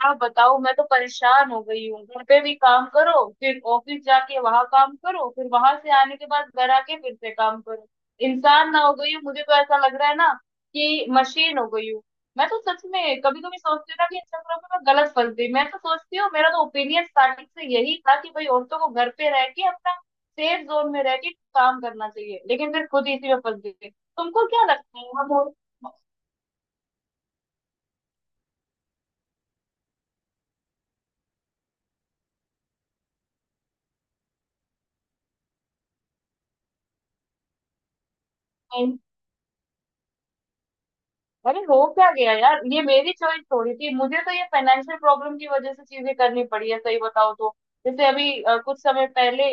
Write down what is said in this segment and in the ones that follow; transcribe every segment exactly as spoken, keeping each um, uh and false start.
क्या बताओ। मैं तो परेशान हो गई हूँ, घर पे भी काम करो, फिर ऑफिस जाके वहां काम करो, फिर वहां से आने के बाद घर आके फिर से काम करो। इंसान ना हो गई हूँ, मुझे तो ऐसा लग रहा है ना कि मशीन हो गई हूँ। मैं तो सच में कभी कभी सोचती हूँ ना कि इन चक्करों में मैं गलत फंस गई। मैं तो सोचती हूँ, मेरा तो ओपिनियन स्टार्टिंग से यही था कि भाई औरतों को घर पे रह के अपना सेफ जोन में रह के काम करना चाहिए, लेकिन फिर खुद इसी में फंस गई। तुमको क्या लगता है? हम और अरे हो क्या गया यार, ये मेरी चॉइस थोड़ी थी, मुझे तो ये फाइनेंशियल प्रॉब्लम की वजह से चीजें करनी पड़ी है। सही बताओ तो, जैसे अभी अ, कुछ समय पहले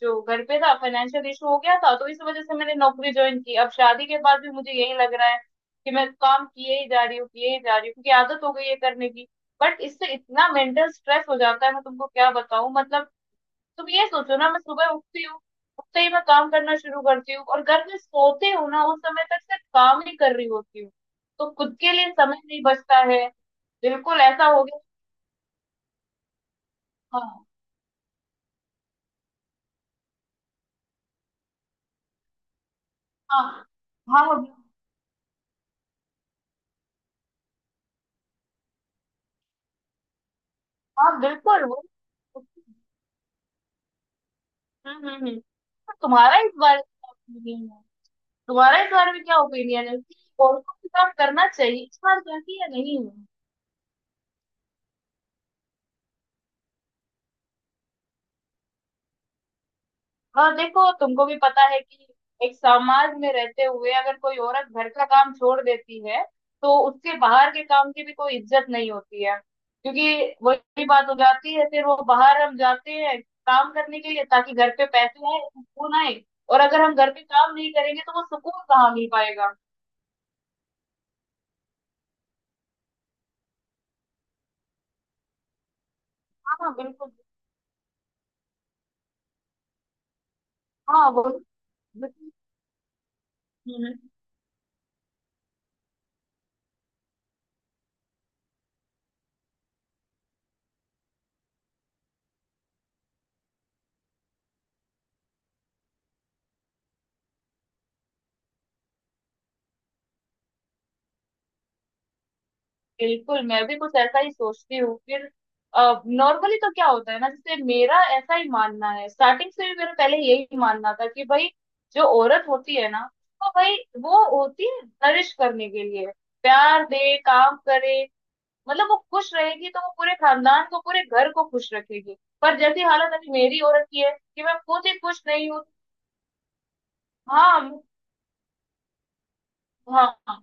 जो घर पे था, फाइनेंशियल इशू हो गया था, तो इस वजह से मैंने नौकरी ज्वाइन की। अब शादी के बाद भी मुझे यही लग रहा है कि मैं काम किए ही जा रही हूँ, किए ही जा रही हूँ, क्योंकि आदत हो गई है करने की। बट इससे इतना मेंटल स्ट्रेस हो जाता है, मैं तुमको क्या बताऊं मतलब। तुम ये सोचो ना, मैं सुबह उठती हूँ, उठते ही मैं काम करना शुरू करती हूँ, और घर में सोते हो ना उस समय तक सिर्फ काम ही कर रही होती हूँ। तो खुद के लिए समय नहीं बचता है। बिल्कुल ऐसा हो गया। हाँ। हाँ। हाँ। हाँ बिल्कुल वो। हम्म। हम्म। हम्म, तो तुम्हारा इस बारे में क्या ओपिनियन है? तुम्हारा इस बारे में क्या ओपिनियन है कि औरतों को काम करना चाहिए इस बार चाहिए या नहीं? और देखो तुमको भी पता है कि एक समाज में रहते हुए अगर कोई औरत घर का काम छोड़ देती है तो उसके बाहर के काम की भी कोई इज्जत नहीं होती है। क्योंकि वही बात हो जाती है, फिर वो बाहर हम जाते हैं काम करने के लिए ताकि घर पे पैसे आए, सुकून आए। और अगर हम घर पे काम नहीं करेंगे तो वो सुकून कहाँ मिल पाएगा? हाँ बिल्कुल। हाँ वो बिल्कुल। हम्म। बिल्कुल मैं भी कुछ ऐसा ही सोचती हूँ फिर। नॉर्मली तो क्या होता है ना, जैसे मेरा ऐसा ही मानना है, स्टार्टिंग से भी मेरा पहले यही मानना था कि भाई जो औरत होती है ना, तो भाई वो होती है नरिश करने के लिए। प्यार दे, काम करे, मतलब वो खुश रहेगी तो वो पूरे खानदान को पूरे घर को खुश रखेगी। पर जैसी हालत अभी मेरी औरत की है कि मैं खुद ही खुश नहीं हूँ। हाँ। हाँ। हाँ।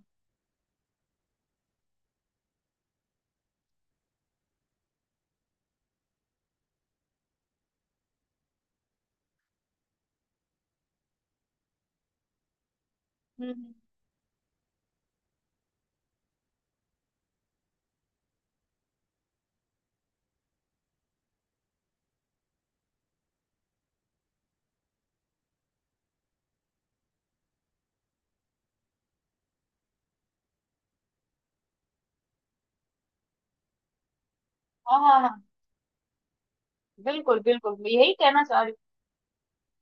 हम्म। हम्म। हाँ। हाँ। हाँ बिल्कुल बिल्कुल, मैं यही कहना चाह रही हूँ।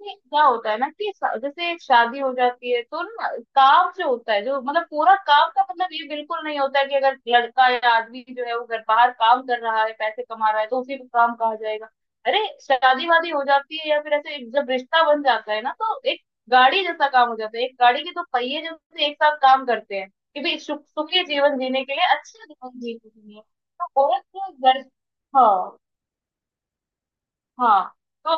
नहीं, क्या होता है ना कि सा- जैसे एक शादी हो जाती है तो ना, काम जो होता है जो मतलब पूरा काम का मतलब ये बिल्कुल नहीं होता है कि अगर लड़का या आदमी जो है वो घर बाहर काम कर रहा है, पैसे कमा रहा है, तो उसी को काम कहा जाएगा। अरे शादी वादी हो जाती है या फिर ऐसे एक- जब रिश्ता बन जाता है ना तो एक गाड़ी जैसा काम हो जाता है। एक गाड़ी के तो पहिए जैसे एक साथ काम करते हैं, कि भाई सुख सुखी जीवन जीने के लिए, अच्छा जीवन जीने के लिए, तो औरत को घर। हाँ। हाँ। तो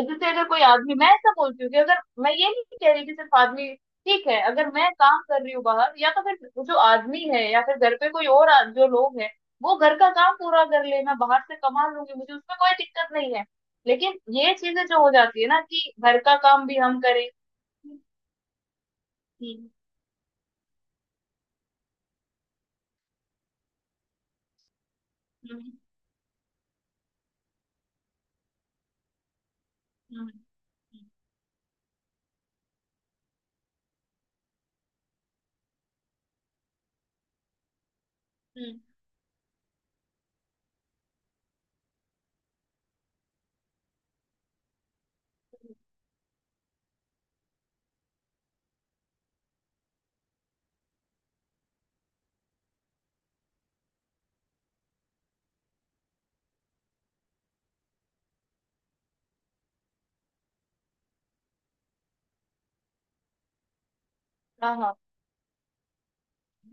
अगर जैसे अगर कोई आदमी, मैं ऐसा बोलती हूँ कि अगर मैं ये नहीं कह रही कि सिर्फ आदमी, ठीक है, अगर मैं काम कर रही हूँ बाहर, या तो फिर जो आदमी है या फिर घर पे कोई और आ- जो लोग हैं वो घर का काम पूरा कर ले, मैं बाहर से कमा लूंगी, मुझे उसमें कोई दिक्कत नहीं है। लेकिन ये चीजें जो हो जाती है ना कि घर का काम भी हम करें। हम्म। हम्म। हम्म। हम्म। हम्म। हाँ। हाँ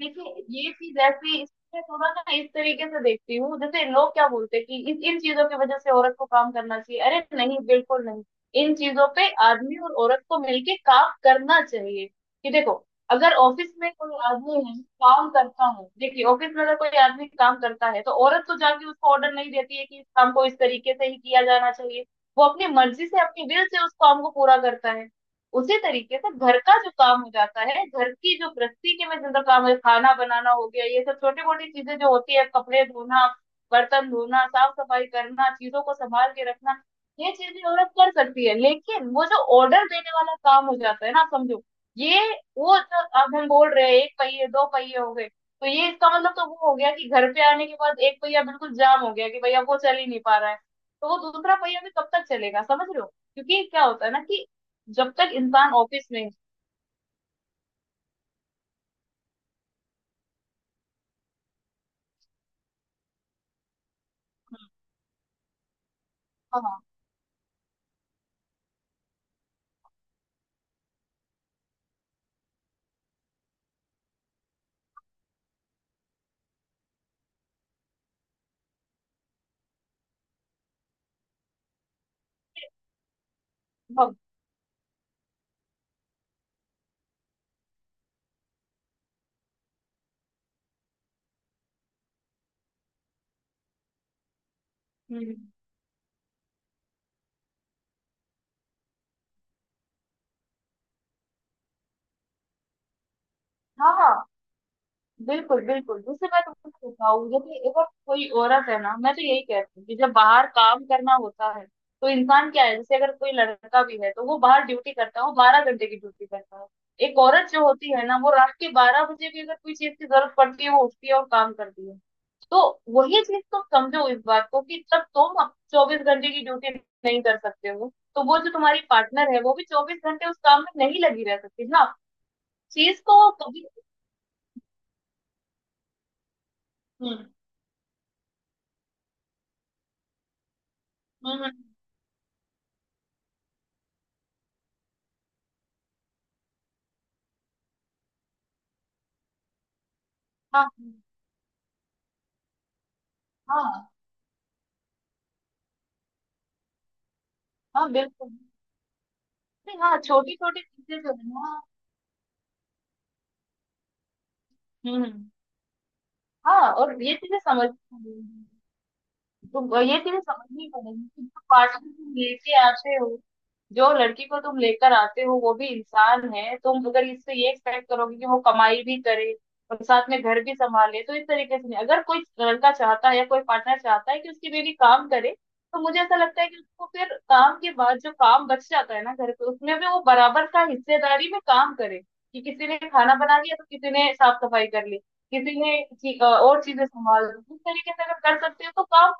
देखिए ये चीज ऐसी, इसमें थोड़ा ना इस तरीके से देखती हूँ, जैसे लोग क्या बोलते हैं कि इस इन चीजों की वजह से औरत को काम करना चाहिए, अरे नहीं बिल्कुल नहीं। इन चीजों पे आदमी और औरत को मिलके काम करना चाहिए। कि देखो अगर ऑफिस में कोई आदमी है काम करता है, देखिए ऑफिस में अगर कोई आदमी काम करता है तो औरत तो जाके उसको ऑर्डर नहीं देती है कि इस काम को इस तरीके से ही किया जाना चाहिए। वो अपनी मर्जी से, अपनी विल से उस काम को पूरा करता है। उसी तरीके से घर का जो काम हो जाता है, घर की जो गृहस्थी के में जिनका काम है, खाना बनाना हो गया, ये सब छोटी मोटी चीजें जो होती है, कपड़े धोना, बर्तन धोना, साफ सफाई करना, चीजों को संभाल के रखना, ये चीजें औरत कर सकती है। लेकिन वो जो ऑर्डर देने वाला काम हो जाता है ना, आप समझो, ये वो जो अब हम बोल रहे हैं, एक पहिए दो पहिए हो गए, तो ये इसका मतलब तो वो हो गया कि घर पे आने के बाद एक पहिया बिल्कुल जाम हो गया, कि भैया वो चल ही नहीं पा रहा है, तो वो दूसरा पहिया भी कब तक चलेगा, समझ रहे हो? क्योंकि क्या होता है ना कि जब तक इंसान ऑफिस में है। हाँ। हाँ। हम्म। हाँ हाँ, बिल्कुल बिल्कुल, जैसे मैं तुमको बताऊँ, जैसे अगर कोई औरत है ना, मैं तो यही कहती हूँ कि जब बाहर काम करना होता है तो इंसान क्या है, जैसे अगर कोई लड़का भी है तो वो बाहर ड्यूटी करता है, वो बारह घंटे की ड्यूटी करता है। एक औरत जो होती है ना, वो रात के बारह बजे भी अगर कोई चीज की जरूरत पड़ती है वो उठती है और काम करती है। तो वही चीज तुम समझो इस बात को कि जब तुम चौबीस घंटे की ड्यूटी नहीं कर सकते हो तो वो जो तुम्हारी पार्टनर है वो भी चौबीस घंटे उस काम में नहीं लगी रह सकती ना। चीज को कभी। हम्म। हम्म। हम्म। हाँ। हाँ। हाँ बिल्कुल। नहीं, हाँ छोटी छोटी चीजें जो है ना। हम्म। हम्म। हाँ और ये चीजें समझ, तो ये चीजें समझनी पड़ेगी कि जो पार्टनर तुम लेके आते हो, जो लड़की को तुम लेकर आते हो वो भी इंसान है। तुम अगर इससे ये एक्सपेक्ट करोगे कि वो कमाई भी करे और साथ में घर भी संभाले, तो इस तरीके से नहीं। अगर कोई लड़का चाहता है या कोई पार्टनर चाहता है कि उसकी बीवी काम करे, तो मुझे ऐसा लगता है कि उसको फिर काम के बाद जो काम बच जाता है ना घर पे उसमें भी वो बराबर का हिस्सेदारी में काम करे। कि किसी ने खाना बना लिया तो किसी ने साफ सफाई कर ली, किसी ने ची- अ, और चीजें संभाल ली, इस तरीके से अगर कर सकते हो तो काम।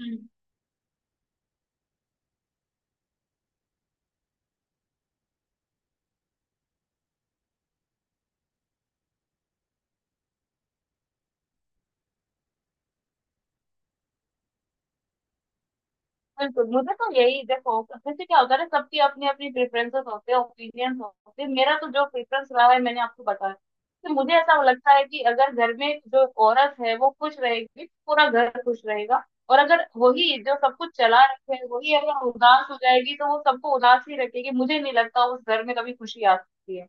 हम्म, बिल्कुल, मुझे तो यही, देखो जैसे क्या होता है ना, सबकी अपनी अपनी प्रेफरेंसेस होते हैं, ओपिनियंस होते हैं, मेरा तो जो प्रेफरेंस रहा है मैंने आपको बताया कि मुझे ऐसा लगता है कि अगर घर में जो औरत है वो खुश रहेगी तो पूरा घर खुश रहेगा। और अगर वही जो सब कुछ चला रखे है, वही अगर उदास हो जाएगी, तो वो सबको उदास ही रखेगी। मुझे नहीं लगता उस घर में कभी खुशी आ सकती है।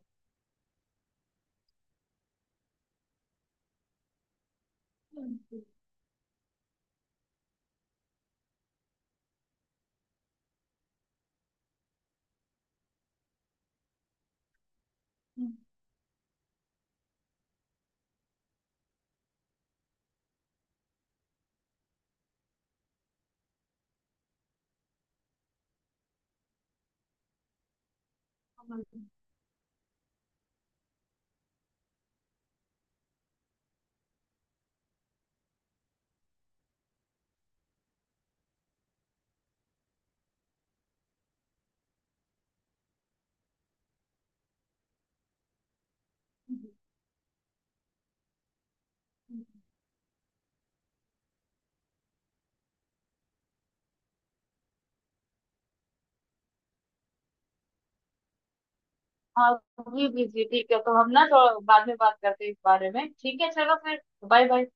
हाँ। जी जी जी, ठीक है, तो हम ना थोड़ा बाद में बात करते हैं इस बारे में, ठीक है, चलो फिर। Bye bye.